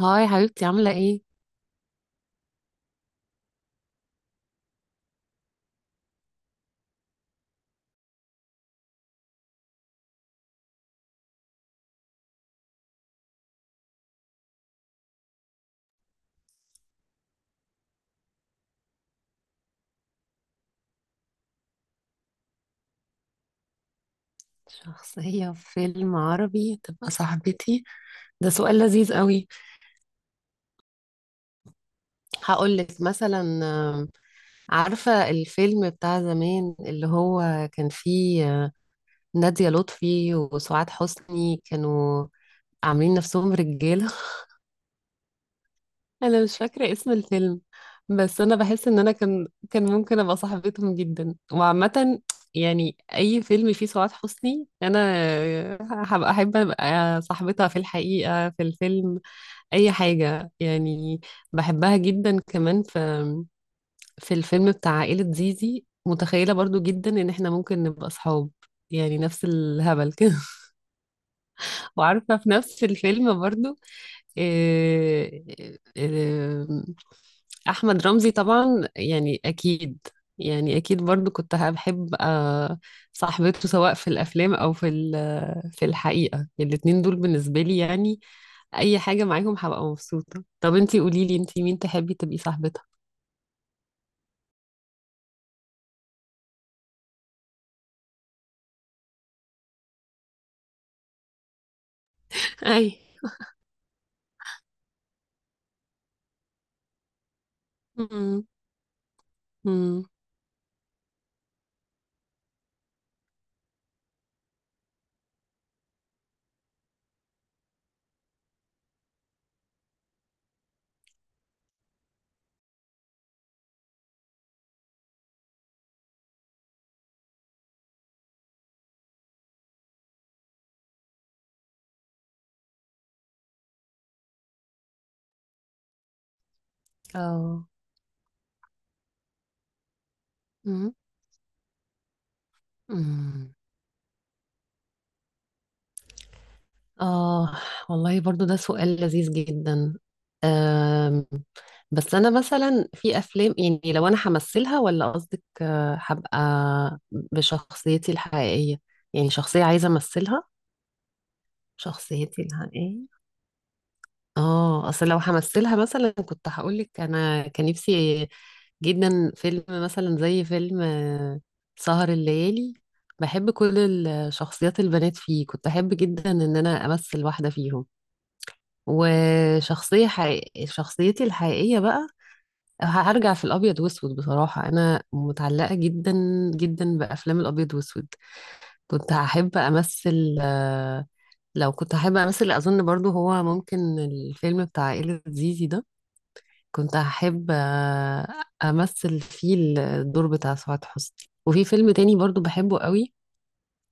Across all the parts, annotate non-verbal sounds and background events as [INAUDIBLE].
هاي حبيبتي، عاملة ايه؟ شخصية في فيلم عربي تبقى صاحبتي، ده سؤال لذيذ قوي. هقولك مثلا. آم، عارفة الفيلم بتاع زمان اللي هو كان فيه نادية لطفي وسعاد حسني كانوا عاملين نفسهم رجالة. انا مش فاكره اسم الفيلم، بس انا بحس ان انا كان ممكن ابقى صاحبتهم جدا. وعامه يعني اي فيلم فيه سعاد حسني انا هبقى احب ابقى صاحبتها، في الحقيقه في الفيلم اي حاجه يعني، بحبها جدا كمان. في الفيلم بتاع عائله زيزي متخيله برضو جدا ان احنا ممكن نبقى صحاب، يعني نفس الهبل كده. [LAUGHS] وعارفه في نفس الفيلم برضو، إيه إيه احمد رمزي طبعا يعني اكيد، يعني اكيد برضو كنت هبحب صاحبته سواء في الافلام او في في الحقيقه. الاتنين دول بالنسبه لي يعني اي حاجه معاهم هبقى مبسوطه. طب انتي قولي لي، انتي مين تحبي تبقي صاحبتها؟ اي. [LAUGHS] أمم، أمم، اه، أمم، أمم. آه والله برضو ده سؤال لذيذ جدا. أم، بس أنا مثلا في أفلام، يعني لو أنا همثلها ولا قصدك هبقى بشخصيتي الحقيقية؟ يعني شخصية عايزة أمثلها. شخصيتي الحقيقية؟ اه، أصل لو همثلها مثلا كنت هقولك أنا كان نفسي جدا فيلم مثلا زي فيلم سهر الليالي. بحب كل الشخصيات البنات فيه، كنت أحب جدا إن أنا أمثل واحدة فيهم. وشخصية حقيقية، شخصيتي الحقيقية بقى، هرجع في الأبيض وأسود. بصراحة أنا متعلقة جدا جدا بأفلام الأبيض وأسود. كنت هحب أمثل لو كنت هحب أمثل أظن برضو هو ممكن الفيلم بتاع عائلة زيزي ده، كنت هحب أمثل فيه الدور بتاع سعاد حسني. وفي فيلم تاني برضو بحبه قوي،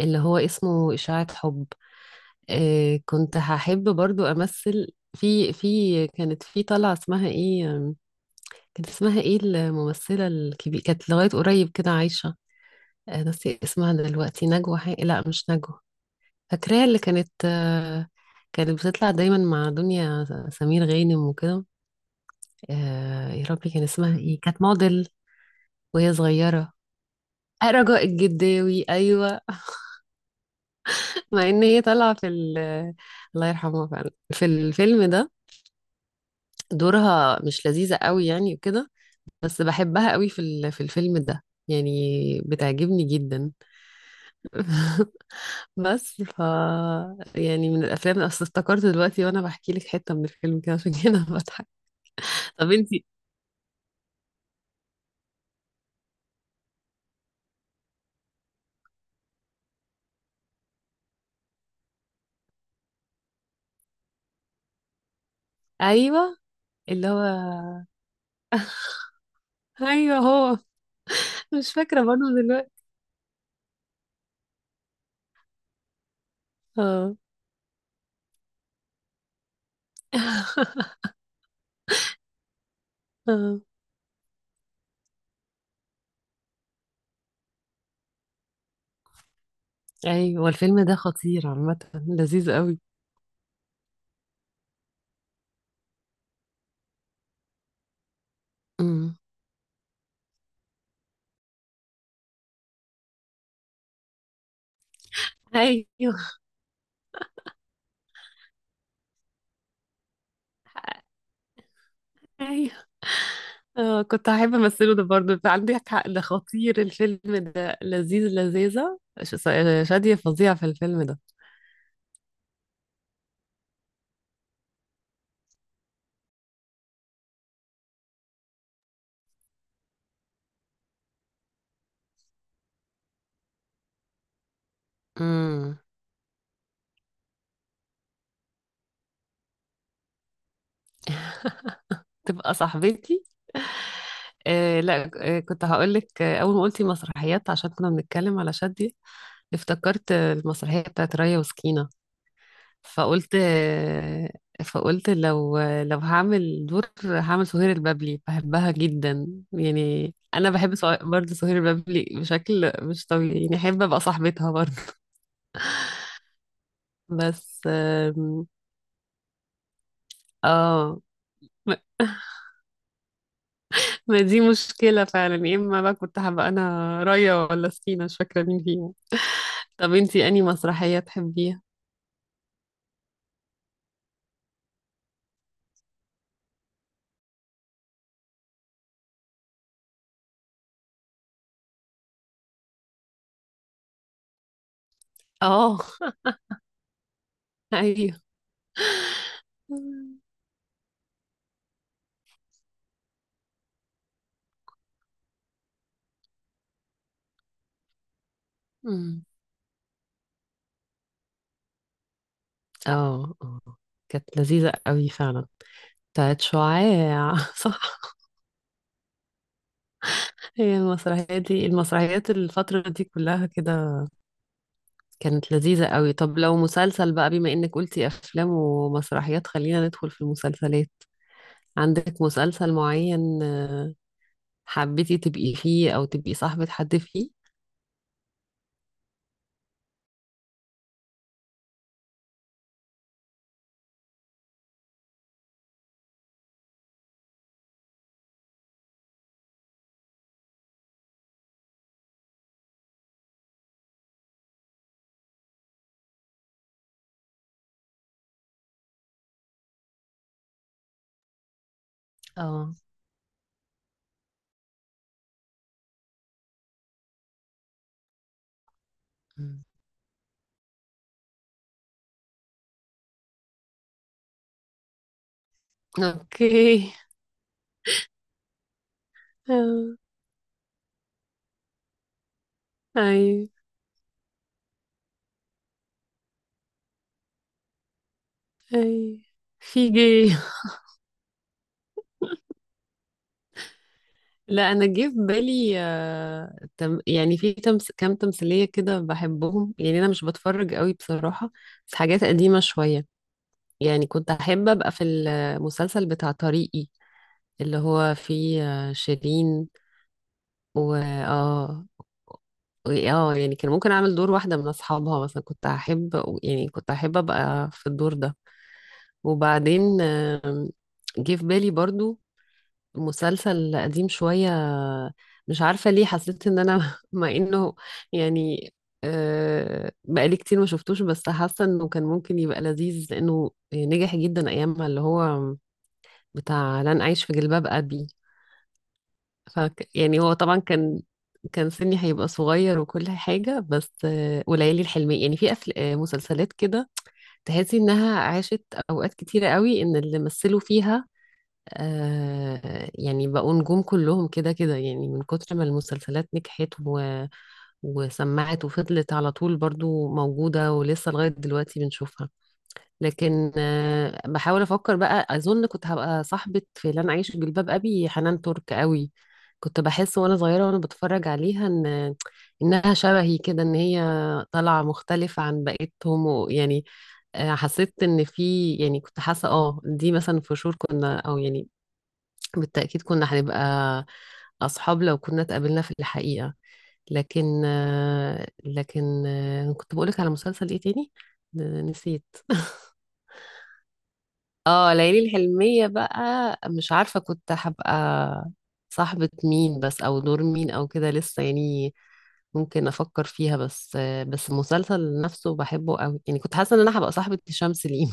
اللي هو اسمه إشاعة حب، كنت هحب برضو أمثل في. كانت في طلعة اسمها ايه، كانت اسمها ايه الممثلة الكبيرة، كانت لغاية قريب كده عايشة، ناسية اسمها دلوقتي. نجوى لا مش نجوى. فاكراها، اللي كانت كانت بتطلع دايما مع دنيا سمير غانم وكده. يا ربي كان اسمها ايه، كانت موديل وهي صغيرة. رجاء الجداوي، ايوه. [LAUGHS] مع ان هي طالعة في الله يرحمها فعلا في الفيلم ده دورها مش لذيذة قوي يعني وكده، بس بحبها قوي في في الفيلم ده يعني، بتعجبني جدا. [LAUGHS] بس ف، يعني من الافلام، اصل افتكرت دلوقتي وانا بحكي لك حته من الفيلم كده، عشان كده أنا بضحك. طب انتي. ايوه. اللي هو. [LAUGHS] ايوه هو. مش فاكره برضه دلوقتي. اه. [LAUGHS] اه. ايوه الفيلم ده خطير عامه، لذيذ قوي. امم. ايوه. ايوه. اه كنت هحب امثله ده برضه، عندك حق ده خطير الفيلم ده لذيذ، لذيذه شادية فظيعه في الفيلم ده. امم. تبقى صاحبتي؟ آه لا. آه كنت هقولك، أول ما قلتي مسرحيات، عشان كنا بنتكلم على شادية، افتكرت المسرحية بتاعت ريا وسكينة. فقلت آه، فقلت لو لو هعمل دور هعمل سهير البابلي، بحبها جدا. يعني أنا بحب برضه سهير البابلي بشكل مش طبيعي يعني، أحب أبقى صاحبتها برضه. بس اه. [LAUGHS] ما دي مشكلة فعلا، يا اما بقى كنت هبقى انا رايا ولا سكينة، مش فاكرة مين فيهم. طب انتي انهي مسرحية تحبيها؟ اه. ايوه. [LAUGHS] أمم. اه، اه، كانت لذيذة قوي فعلا، بتاعت شعاع. [LAUGHS] صح، هي المسرحية دي، المسرحيات الفترة دي كلها كده كانت لذيذة قوي. طب لو مسلسل بقى، بما انك قلتي افلام ومسرحيات، خلينا ندخل في المسلسلات. عندك مسلسل معين حبيتي تبقي فيه او تبقي صاحبة حد فيه؟ اه. مم. اوكي. آه، اي اي، في جي. لا انا جه في بالي تم، يعني في تمس كام تمثيليه كده بحبهم، يعني انا مش بتفرج قوي بصراحه، بس حاجات قديمه شويه. يعني كنت احب ابقى في المسلسل بتاع طريقي، اللي هو فيه شيرين، و اه، يعني كان ممكن اعمل دور واحده من اصحابها مثلا. كنت احب يعني، كنت احب ابقى في الدور ده. وبعدين جه في بالي برضو مسلسل قديم شوية، مش عارفة ليه حسيت ان انا، [LAUGHS] مع انه يعني بقالي كتير ما شفتوش، بس حاسة انه كان ممكن يبقى لذيذ لانه نجح جدا ايامها، اللي هو بتاع لن اعيش في جلباب ابي. ف يعني هو طبعا كان، كان سني هيبقى صغير وكل حاجة، بس وليالي الحلمية. يعني في أفل... آه، مسلسلات كده تحسي انها عاشت اوقات كتيرة قوي، ان اللي مثلوا فيها يعني بقوا نجوم كلهم كده كده، يعني من كتر ما المسلسلات نجحت و... وسمعت وفضلت على طول برضو موجودة، ولسه لغاية دلوقتي بنشوفها. لكن بحاول أفكر بقى، أظن كنت هبقى صاحبة في لن أعيش في جلباب أبي حنان ترك قوي. كنت بحس وأنا صغيرة وأنا بتفرج عليها إنها شبهي كده، إن هي طالعة مختلفة عن بقيتهم. ويعني حسيت ان في، يعني كنت حاسه اه دي مثلا في شهور كنا، او يعني بالتأكيد كنا هنبقى أصحاب لو كنا اتقابلنا في الحقيقة. لكن كنت بقولك على مسلسل ايه تاني نسيت. اه ليالي الحلمية بقى، مش عارفة كنت هبقى صاحبة مين بس، أو دور مين أو كده لسه يعني، ممكن أفكر فيها. بس بس المسلسل نفسه بحبه قوي يعني، كنت حاسة إن أنا هبقى صاحبة هشام سليم.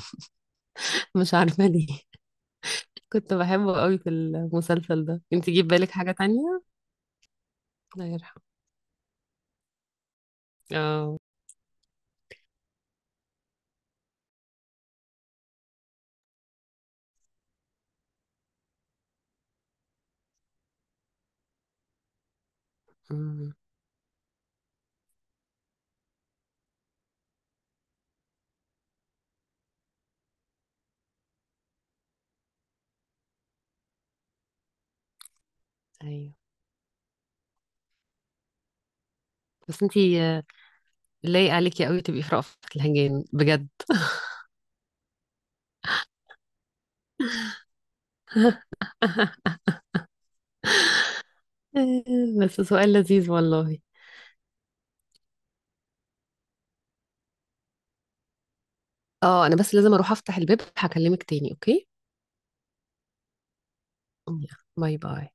[LAUGHS] مش عارفة ليه. [LAUGHS] كنت بحبه قوي في المسلسل ده. انت جيب بالك حاجة تانية؟ الله يرحمه. اه. مم. ايوه. بس انتي لايق عليكي قوي تبقي في رأفت الهجان بجد. [LAUGHS] بس سؤال لذيذ والله. اه انا بس لازم اروح افتح الباب، هكلمك تاني، اوكي؟ يلا، باي باي.